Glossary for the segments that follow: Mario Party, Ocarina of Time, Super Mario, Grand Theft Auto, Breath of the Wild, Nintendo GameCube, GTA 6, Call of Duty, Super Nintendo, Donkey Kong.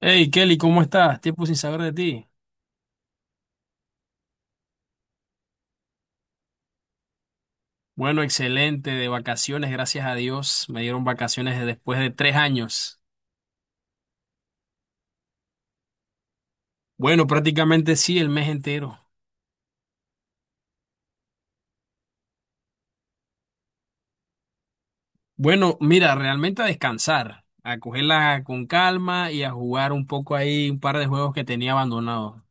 Hey Kelly, ¿cómo estás? Tiempo sin saber de ti. Bueno, excelente, de vacaciones, gracias a Dios. Me dieron después de tres años. Bueno, prácticamente sí, el mes entero. Bueno, mira, realmente a descansar, a cogerla con calma y a jugar un poco ahí un par de juegos que tenía abandonados.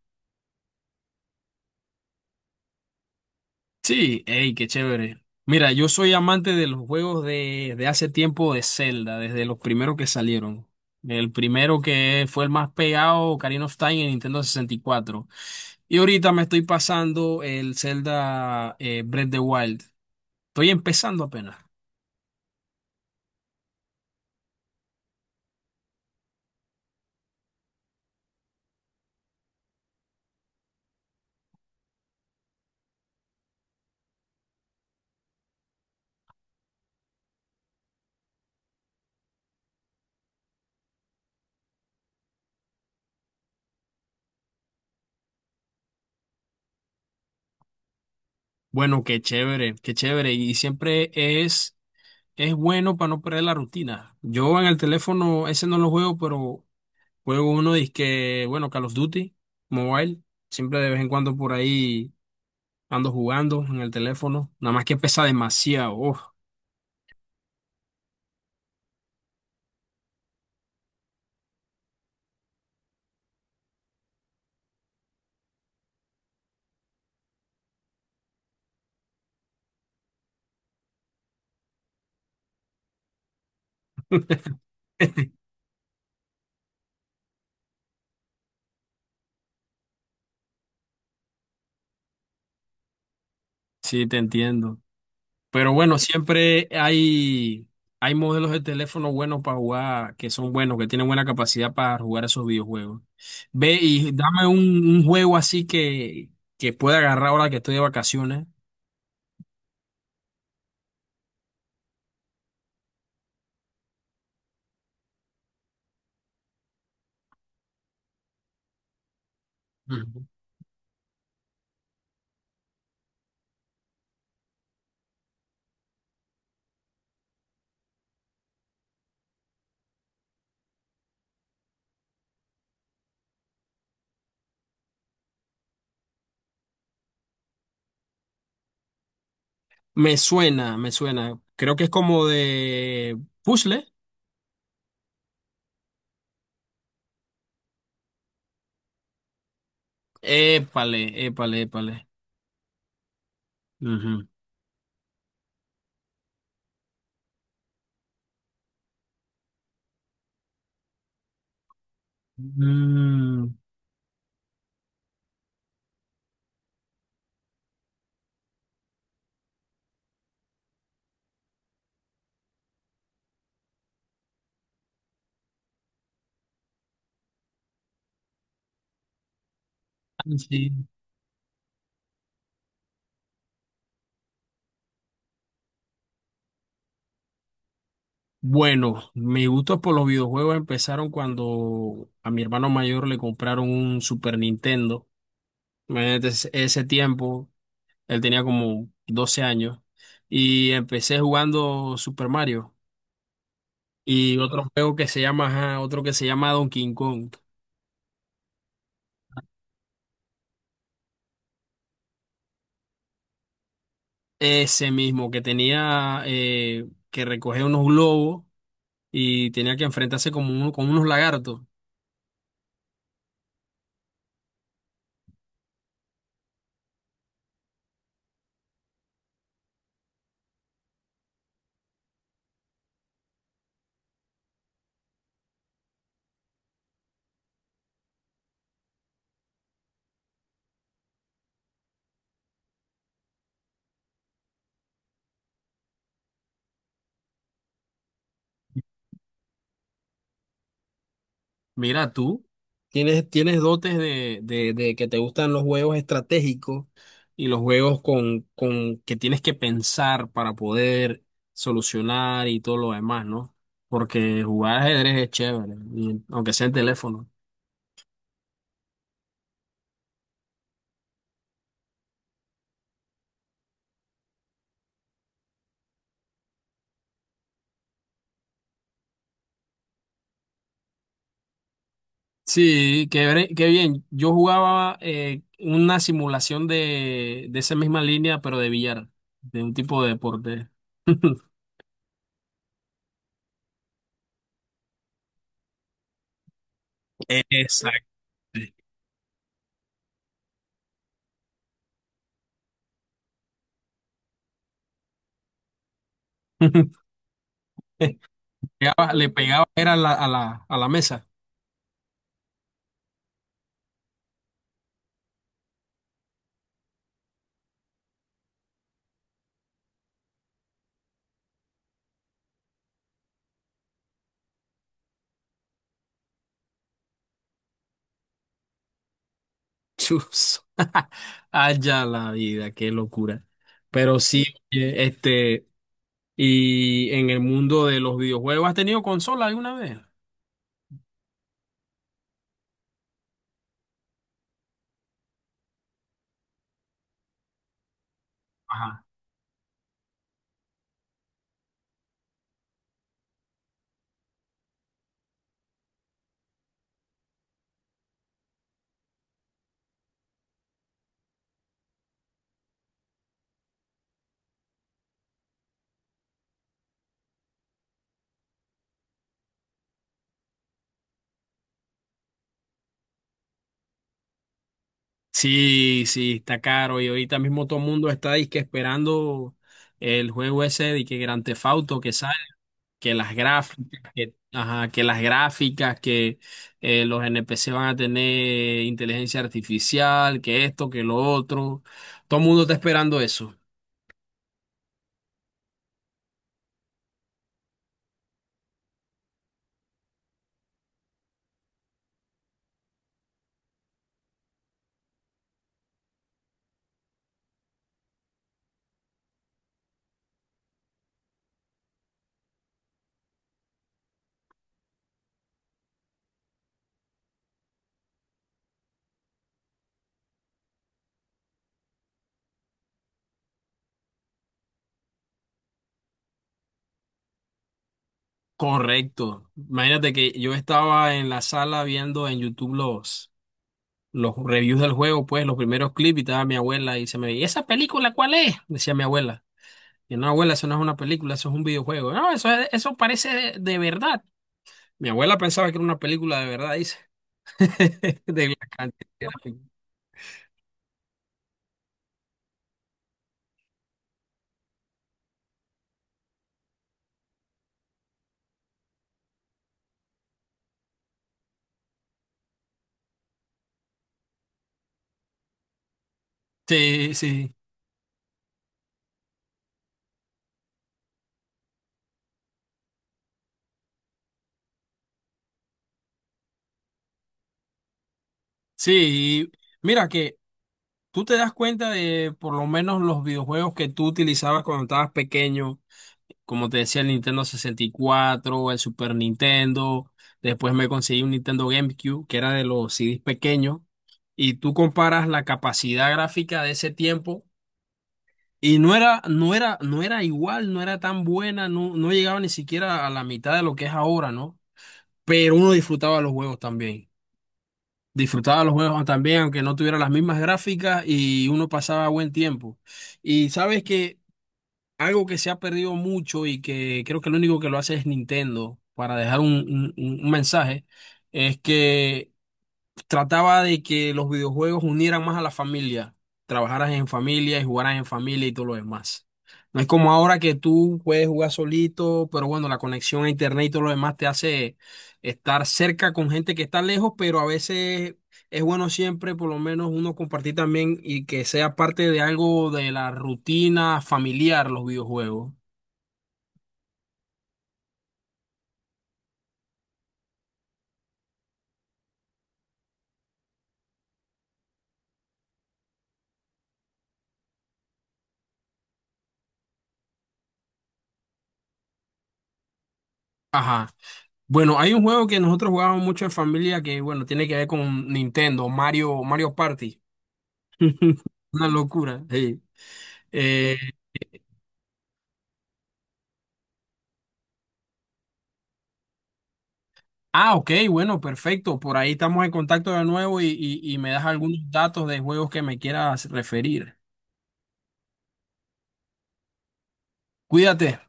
Sí, hey, qué chévere. Mira, yo soy amante de los juegos de hace tiempo de Zelda, desde los primeros que salieron. El primero que fue el más pegado, Ocarina of Time, en Nintendo 64. Y cuatro. Y ahorita me estoy pasando el Zelda Breath of the Wild. Estoy empezando apenas. Bueno, qué chévere, qué chévere. Y es bueno para no perder la rutina. Yo en el teléfono ese no lo juego, pero juego uno, que bueno, Call of Duty Mobile. Siempre de vez en cuando por ahí ando jugando en el teléfono. Nada más que pesa demasiado. Uf. Sí, te entiendo. Pero bueno, hay modelos de teléfono buenos para jugar, que son buenos, que tienen buena capacidad para jugar esos videojuegos. Ve y un juego así que pueda agarrar ahora que estoy de vacaciones. Ujú. Me suena, me suena. Creo que es como de puzzle. Épale, épale, épale. Ujú. Mm, ah, sí. Bueno, mis gustos por los videojuegos empezaron cuando a mi hermano mayor le compraron un Super Nintendo. Imagínate ese tiempo, él tenía como 12 años y empecé jugando Super Mario y otro juego que se llama, ajá, otro que se llama Donkey Kong. Ese mismo que tenía que recoger unos globos y tenía que enfrentarse como uno, con unos lagartos. Mira, tú tienes dotes de que te gustan los juegos estratégicos y los juegos con que tienes que pensar para poder solucionar y todo lo demás, ¿no? Porque jugar ajedrez es chévere, aunque sea en teléfono. Sí, qué bien. Yo jugaba una simulación de esa misma línea, pero de billar, de un tipo de deporte. Exacto. Le pegaba era a a la mesa. Chus. Allá la vida, qué locura. Pero sí, oye, este, y en el mundo de los videojuegos, ¿has tenido consola alguna vez? Ajá. Sí, sí, está caro. Y ahorita mismo todo el mundo está disque esperando el juego ese de que Grand Theft Auto que sale, que las gráficas, que, ajá, que las gráficas, que los NPC van a tener inteligencia artificial, que esto, que lo otro. Todo el mundo está esperando eso. Correcto. Imagínate que yo estaba en la sala viendo en YouTube los reviews del juego, pues los primeros clips, y estaba mi abuela y se me veía, ¿esa película cuál es?, decía mi abuela. Y no, abuela, eso no es una película, eso es un videojuego. No, eso, es- Eso parece de verdad. Mi abuela pensaba que era una película de verdad, dice. De la cantidad. Sí, sí. Sí, y mira que tú te das cuenta de por lo menos los videojuegos que tú utilizabas cuando estabas pequeño, como te decía, el Nintendo sesenta y cuatro, el Super Nintendo. Después me conseguí un Nintendo GameCube, que era de los CDs pequeños. Y tú comparas la capacidad gráfica de ese tiempo. Y no era igual, no era tan buena, no, no llegaba ni siquiera a la mitad de lo que es ahora, ¿no? Pero uno disfrutaba los juegos también. Disfrutaba los juegos también, aunque no tuviera las mismas gráficas y uno pasaba buen tiempo. Y sabes que algo que se ha perdido mucho y que creo que lo único que lo hace es Nintendo para dejar un mensaje es que trataba de que los videojuegos unieran más a la familia, trabajaras en familia y jugaras en familia y todo lo demás. No es como ahora que tú puedes jugar solito, pero bueno, la conexión a internet y todo lo demás te hace estar cerca con gente que está lejos, pero a veces es bueno siempre por lo menos uno compartir también y que sea parte de algo de la rutina familiar los videojuegos. Ajá. Bueno, hay un juego que nosotros jugábamos mucho en familia que, bueno, tiene que ver con Nintendo, Mario, Mario Party. Una locura. Sí. Eh, ah, ok, bueno, perfecto. Por ahí estamos en contacto de nuevo y, y me das algunos datos de juegos que me quieras referir. Cuídate.